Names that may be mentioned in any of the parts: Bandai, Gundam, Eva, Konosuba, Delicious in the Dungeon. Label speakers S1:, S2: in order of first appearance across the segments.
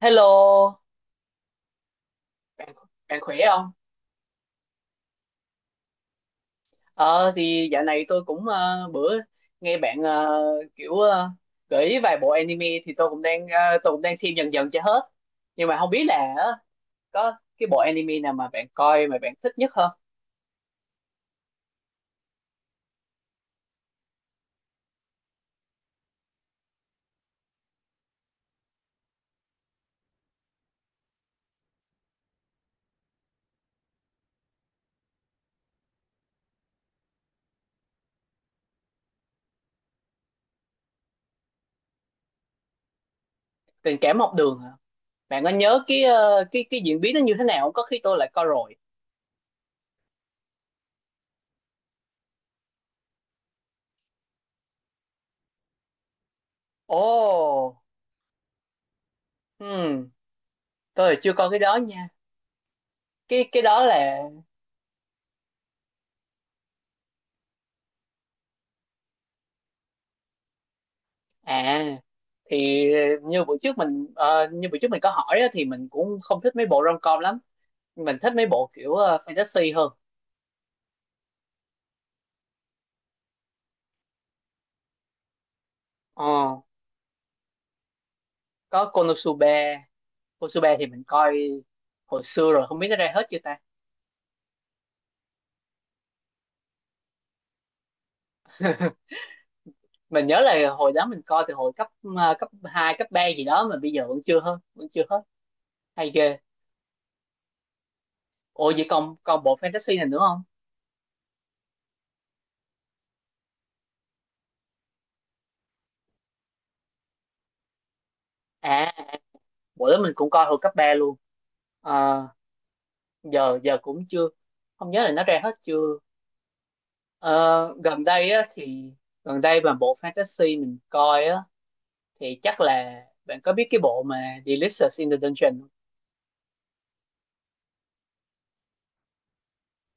S1: Hello, bạn, bạn khỏe không? Ờ thì dạo này tôi cũng bữa nghe bạn kiểu gợi ý vài bộ anime thì tôi cũng đang xem dần dần cho hết. Nhưng mà không biết là có cái bộ anime nào mà bạn coi mà bạn thích nhất không? Tình cảm học đường hả? Bạn có nhớ cái ờ, cái diễn biến nó như thế nào không? Có khi tôi lại coi rồi. Ồ, hmm, tôi là chưa coi cái đó nha. Cái đó là. À, thì như buổi trước mình có hỏi á, thì mình cũng không thích mấy bộ rom-com lắm. Mình thích mấy bộ kiểu fantasy hơn. Ờ, có Konosuba. Konosuba thì mình coi hồi xưa rồi, không biết nó ra hết chưa ta. Mình nhớ là hồi đó mình coi từ cấp 2 cấp 3 gì đó mà bây giờ vẫn chưa hết, vẫn chưa hết. Hay ghê. Ủa vậy còn còn bộ fantasy này nữa không? À, bộ đó mình cũng coi hồi cấp 3 luôn. Ờ, giờ giờ cũng chưa, không nhớ là nó ra hết chưa. Ờ, gần đây mà bộ fantasy mình coi á thì chắc là bạn có biết cái bộ mà Delicious in the Dungeon không?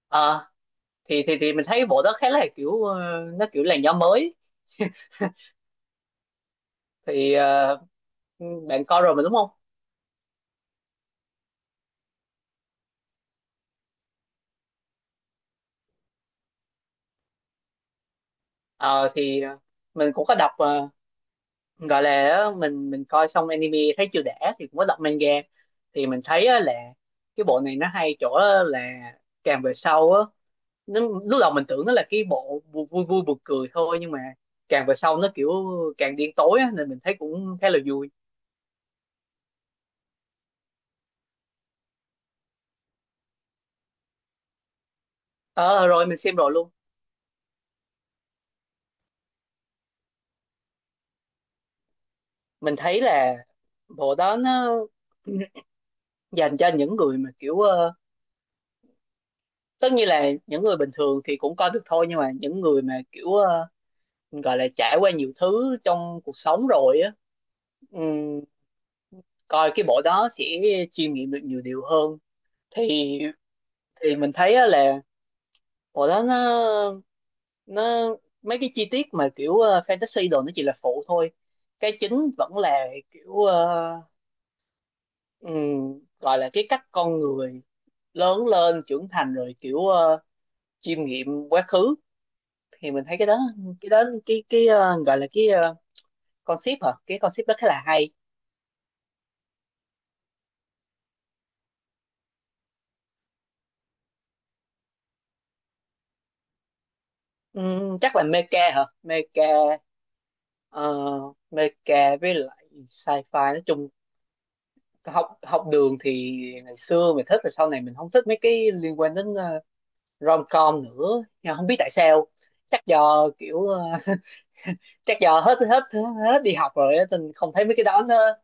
S1: Ờ, thì mình thấy bộ đó khá là kiểu nó kiểu làn gió mới thì bạn coi rồi mà đúng không? Ờ thì mình cũng có đọc gọi là á, mình coi xong anime thấy chưa đã thì cũng có đọc manga thì mình thấy á là cái bộ này nó hay chỗ á là càng về sau á nó, lúc đầu mình tưởng nó là cái bộ vui vui buồn cười thôi nhưng mà càng về sau nó kiểu càng điên tối á, nên mình thấy cũng khá là vui. Ờ Rồi mình xem rồi luôn. Mình thấy là bộ đó nó dành cho những người mà kiểu tất nhiên là những người bình thường thì cũng coi được thôi, nhưng mà những người mà kiểu gọi là trải qua nhiều thứ trong cuộc sống rồi á, ừm, coi cái bộ đó sẽ chiêm nghiệm được nhiều điều hơn thì thì mình thấy á là bộ đó nó mấy cái chi tiết mà kiểu fantasy đồ nó chỉ là phụ thôi, cái chính vẫn là kiểu gọi là cái cách con người lớn lên trưởng thành rồi kiểu chiêm nghiệm quá khứ, thì mình thấy cái đó, gọi là concept hả, cái concept đó khá là hay. Chắc là mecha hả, mecha ờ, mecha với lại sci-fi nói chung. Học học đường thì ngày xưa mình thích rồi sau này mình không thích mấy cái liên quan đến rom com nữa, nhưng không biết tại sao, chắc do kiểu chắc do hết hết hết đi học rồi á nên không thấy mấy cái đó nó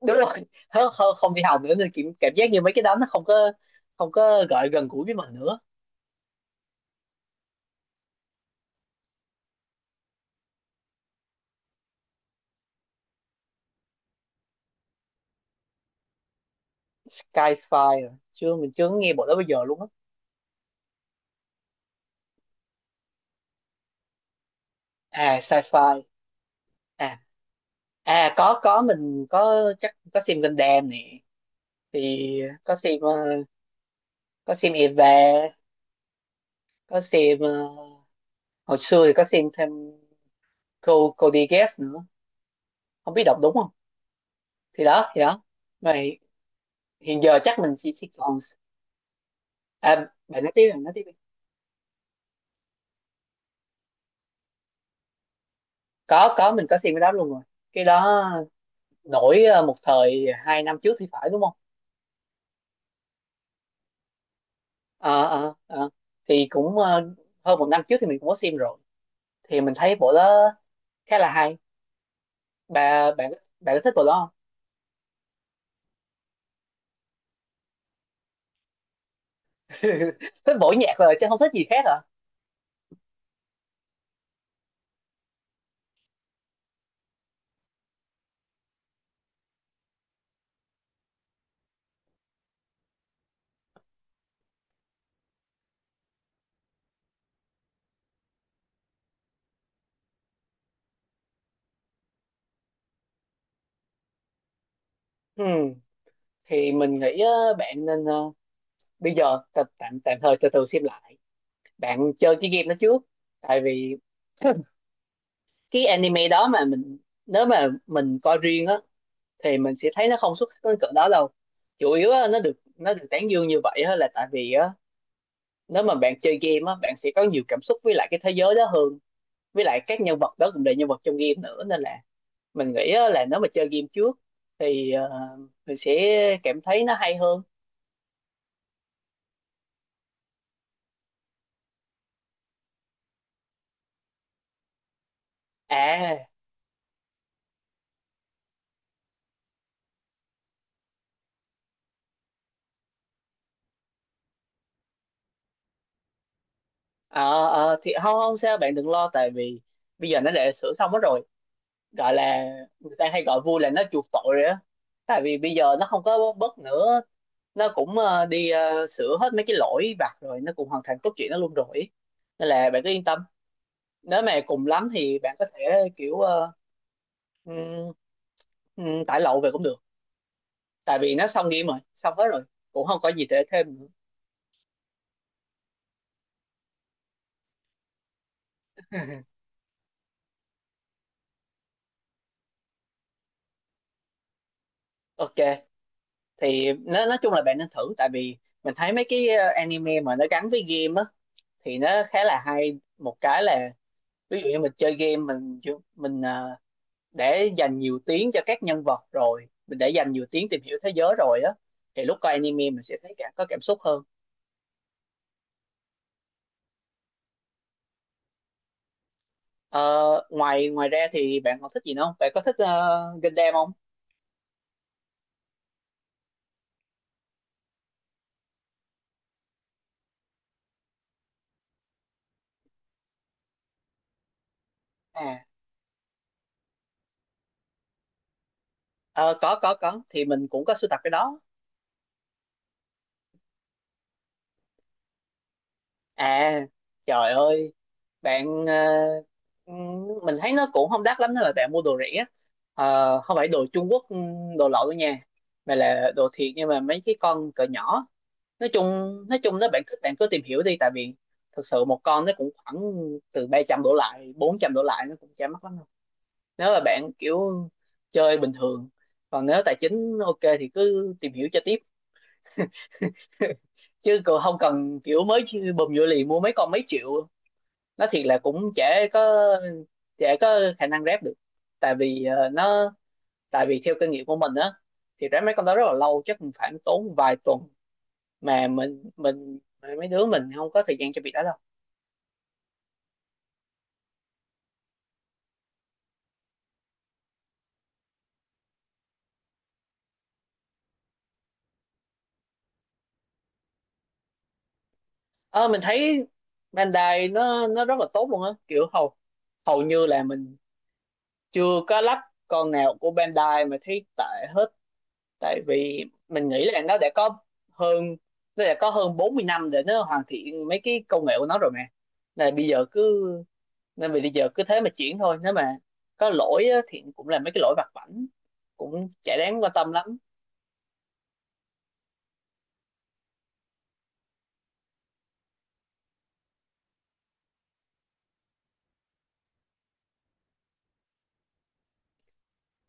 S1: đúng rồi, hết không, đi học nữa nên kiểu cảm giác như mấy cái đó nó không có gọi gần gũi với mình nữa. Sci-fi rồi. Chưa, mình chưa nghe bộ đó bây giờ luôn á. À sci-fi. À à có mình có chắc có xem Gundam nè, thì có xem ờ, có xem Eva, có xem hồi xưa thì có xem thêm cô đi nữa, không biết đọc đúng không, thì đó vậy, hiện giờ chắc mình chỉ còn. À, bạn nói tiếp, bạn nói tiếp đi. Có, mình có xem cái đó luôn rồi, cái đó nổi một thời 2 năm trước thì phải, đúng không? ờ ờ ờ. Thì cũng hơn 1 năm trước thì mình cũng có xem rồi, thì mình thấy bộ đó khá là hay. Bà bạn Bạn có thích bộ đó không? Thích bộ nhạc rồi chứ không thích gì khác hả. Ừ. Thì mình nghĩ bạn nên bây giờ tạm tạm tạm thời từ từ xem lại, bạn chơi chiếc game nó trước, tại vì cái anime đó mà mình, nếu mà mình coi riêng á thì mình sẽ thấy nó không xuất sắc đến cỡ đó đâu. Chủ yếu á, nó được, nó được tán dương như vậy á, là tại vì á, nếu mà bạn chơi game á, bạn sẽ có nhiều cảm xúc với lại cái thế giới đó hơn, với lại các nhân vật đó cũng là nhân vật trong game nữa nên là mình nghĩ á, là nếu mà chơi game trước thì mình sẽ cảm thấy nó hay hơn. À, ờ, thì không, không sao, bạn đừng lo tại vì bây giờ nó đã sửa xong hết rồi. Gọi là người ta hay gọi vui là nó chuộc tội rồi á, tại vì bây giờ nó không có bớt nữa, nó cũng đi sửa hết mấy cái lỗi vặt rồi, nó cũng hoàn thành cốt truyện nó luôn rồi ý. Nên là bạn cứ yên tâm, nếu mà cùng lắm thì bạn có thể kiểu ừm, tải lậu về cũng được, tại vì nó xong game rồi, xong hết rồi, cũng không có gì để thêm nữa. Ok, thì nó, nói chung là bạn nên thử, tại vì mình thấy mấy cái anime mà nó gắn với game á thì nó khá là hay. Một cái là ví dụ như mình chơi game mình, mình ờ, để dành nhiều tiếng cho các nhân vật rồi mình để dành nhiều tiếng tìm hiểu thế giới rồi á, thì lúc coi anime mình sẽ thấy cả có cảm xúc hơn. Ờ, ngoài ngoài ra thì bạn còn thích gì nữa không, bạn có thích Gundam không? À, ờ, có, thì mình cũng có sưu tập cái đó. À trời ơi, bạn mình thấy nó cũng không đắt lắm nên là bạn mua đồ rẻ. Ờ, không phải đồ Trung Quốc, đồ lậu đâu nha, mà là đồ thiệt nhưng mà mấy cái con cỡ nhỏ. Nói chung nói chung nếu bạn thích bạn cứ tìm hiểu đi, tại vì thực sự một con nó cũng khoảng từ 300 đổ lại, 400 đổ lại, nó cũng chả mắc lắm đâu, nếu là bạn kiểu chơi bình thường. Còn nếu tài chính ok thì cứ tìm hiểu cho tiếp. Chứ còn không cần kiểu mới bùm vô liền mua mấy con mấy triệu, nó thiệt là cũng chả có, chả có khả năng rep được, tại vì ờ, nó tại vì theo kinh nghiệm của mình á thì rep mấy con đó rất là lâu, chắc cũng phải tốn vài tuần, mà mình mà mấy đứa mình không có thời gian cho việc đó đâu. Ờ, mình thấy Bandai nó rất là tốt luôn á, kiểu hầu hầu như là mình chưa có lắp con nào của Bandai mà thấy tệ hết, tại vì mình nghĩ là hơn nó đã có hơn 40 năm để nó hoàn thiện mấy cái công nghệ của nó rồi mà, là bây giờ cứ, nên vì bây giờ cứ thế mà chuyển thôi, nếu mà có lỗi á, thì cũng là mấy cái lỗi vặt vãnh, cũng chả đáng quan tâm lắm.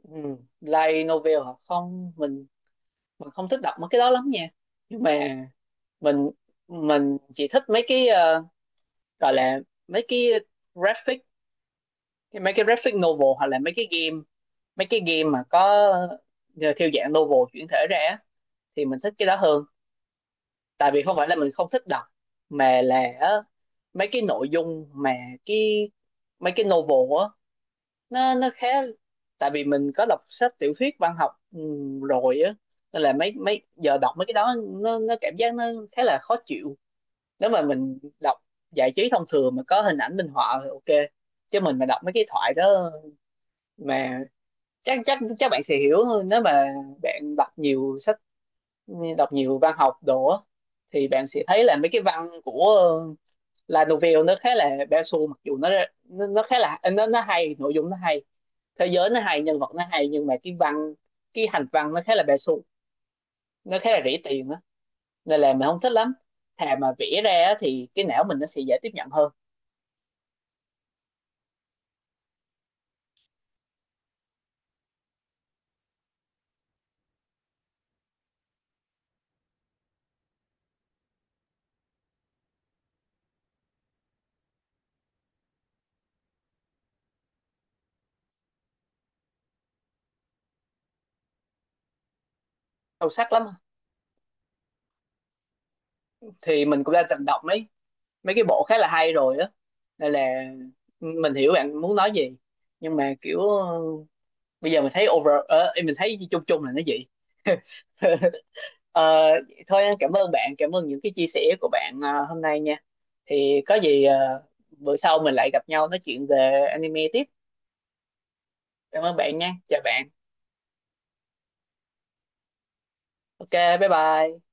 S1: Ừ. Light novel hả, không, mình không thích đọc mấy cái đó lắm nha, nhưng mà mình mình chỉ thích mấy cái gọi là mấy cái graphic mấy cái graphic novel, hoặc là mấy cái game, mấy cái game mà có ờ, theo dạng novel chuyển thể ra á, thì mình thích cái đó hơn, tại vì không phải là mình không thích đọc, mà là mấy cái nội dung mà cái, mấy cái novel á, nó khá, tại vì mình có đọc sách tiểu thuyết văn học rồi á, nên là mấy mấy giờ đọc mấy cái đó nó cảm giác nó khá là khó chịu. Nếu mà mình đọc giải trí thông thường mà có hình ảnh minh họa thì ok, chứ mình mà đọc mấy cái thoại đó mà chắc chắc chắc bạn sẽ hiểu hơn nếu mà bạn đọc nhiều sách, đọc nhiều văn học đồ á, thì bạn sẽ thấy là mấy cái văn của La Novelle nó khá là bao xu, mặc dù nó nó khá là, nó hay, nội dung nó hay, thế giới nó hay, nhân vật nó hay, nhưng mà cái văn, cái hành văn nó khá là bao xu, nó khá là rỉ tiền á, nên là mình không thích lắm. Thà mà vẽ ra á thì cái não mình nó sẽ dễ tiếp nhận hơn, sâu sắc lắm. Thì mình cũng đã từng đọc mấy mấy cái bộ khá là hay rồi á, nên là mình hiểu bạn muốn nói gì, nhưng mà kiểu bây giờ mình thấy chung chung là nó vậy. Ờ, thôi cảm ơn bạn, cảm ơn những cái chia sẻ của bạn hôm nay nha, thì có gì bữa sau mình lại gặp nhau nói chuyện về anime tiếp. Cảm ơn bạn nha, chào bạn. Ok, bye bye.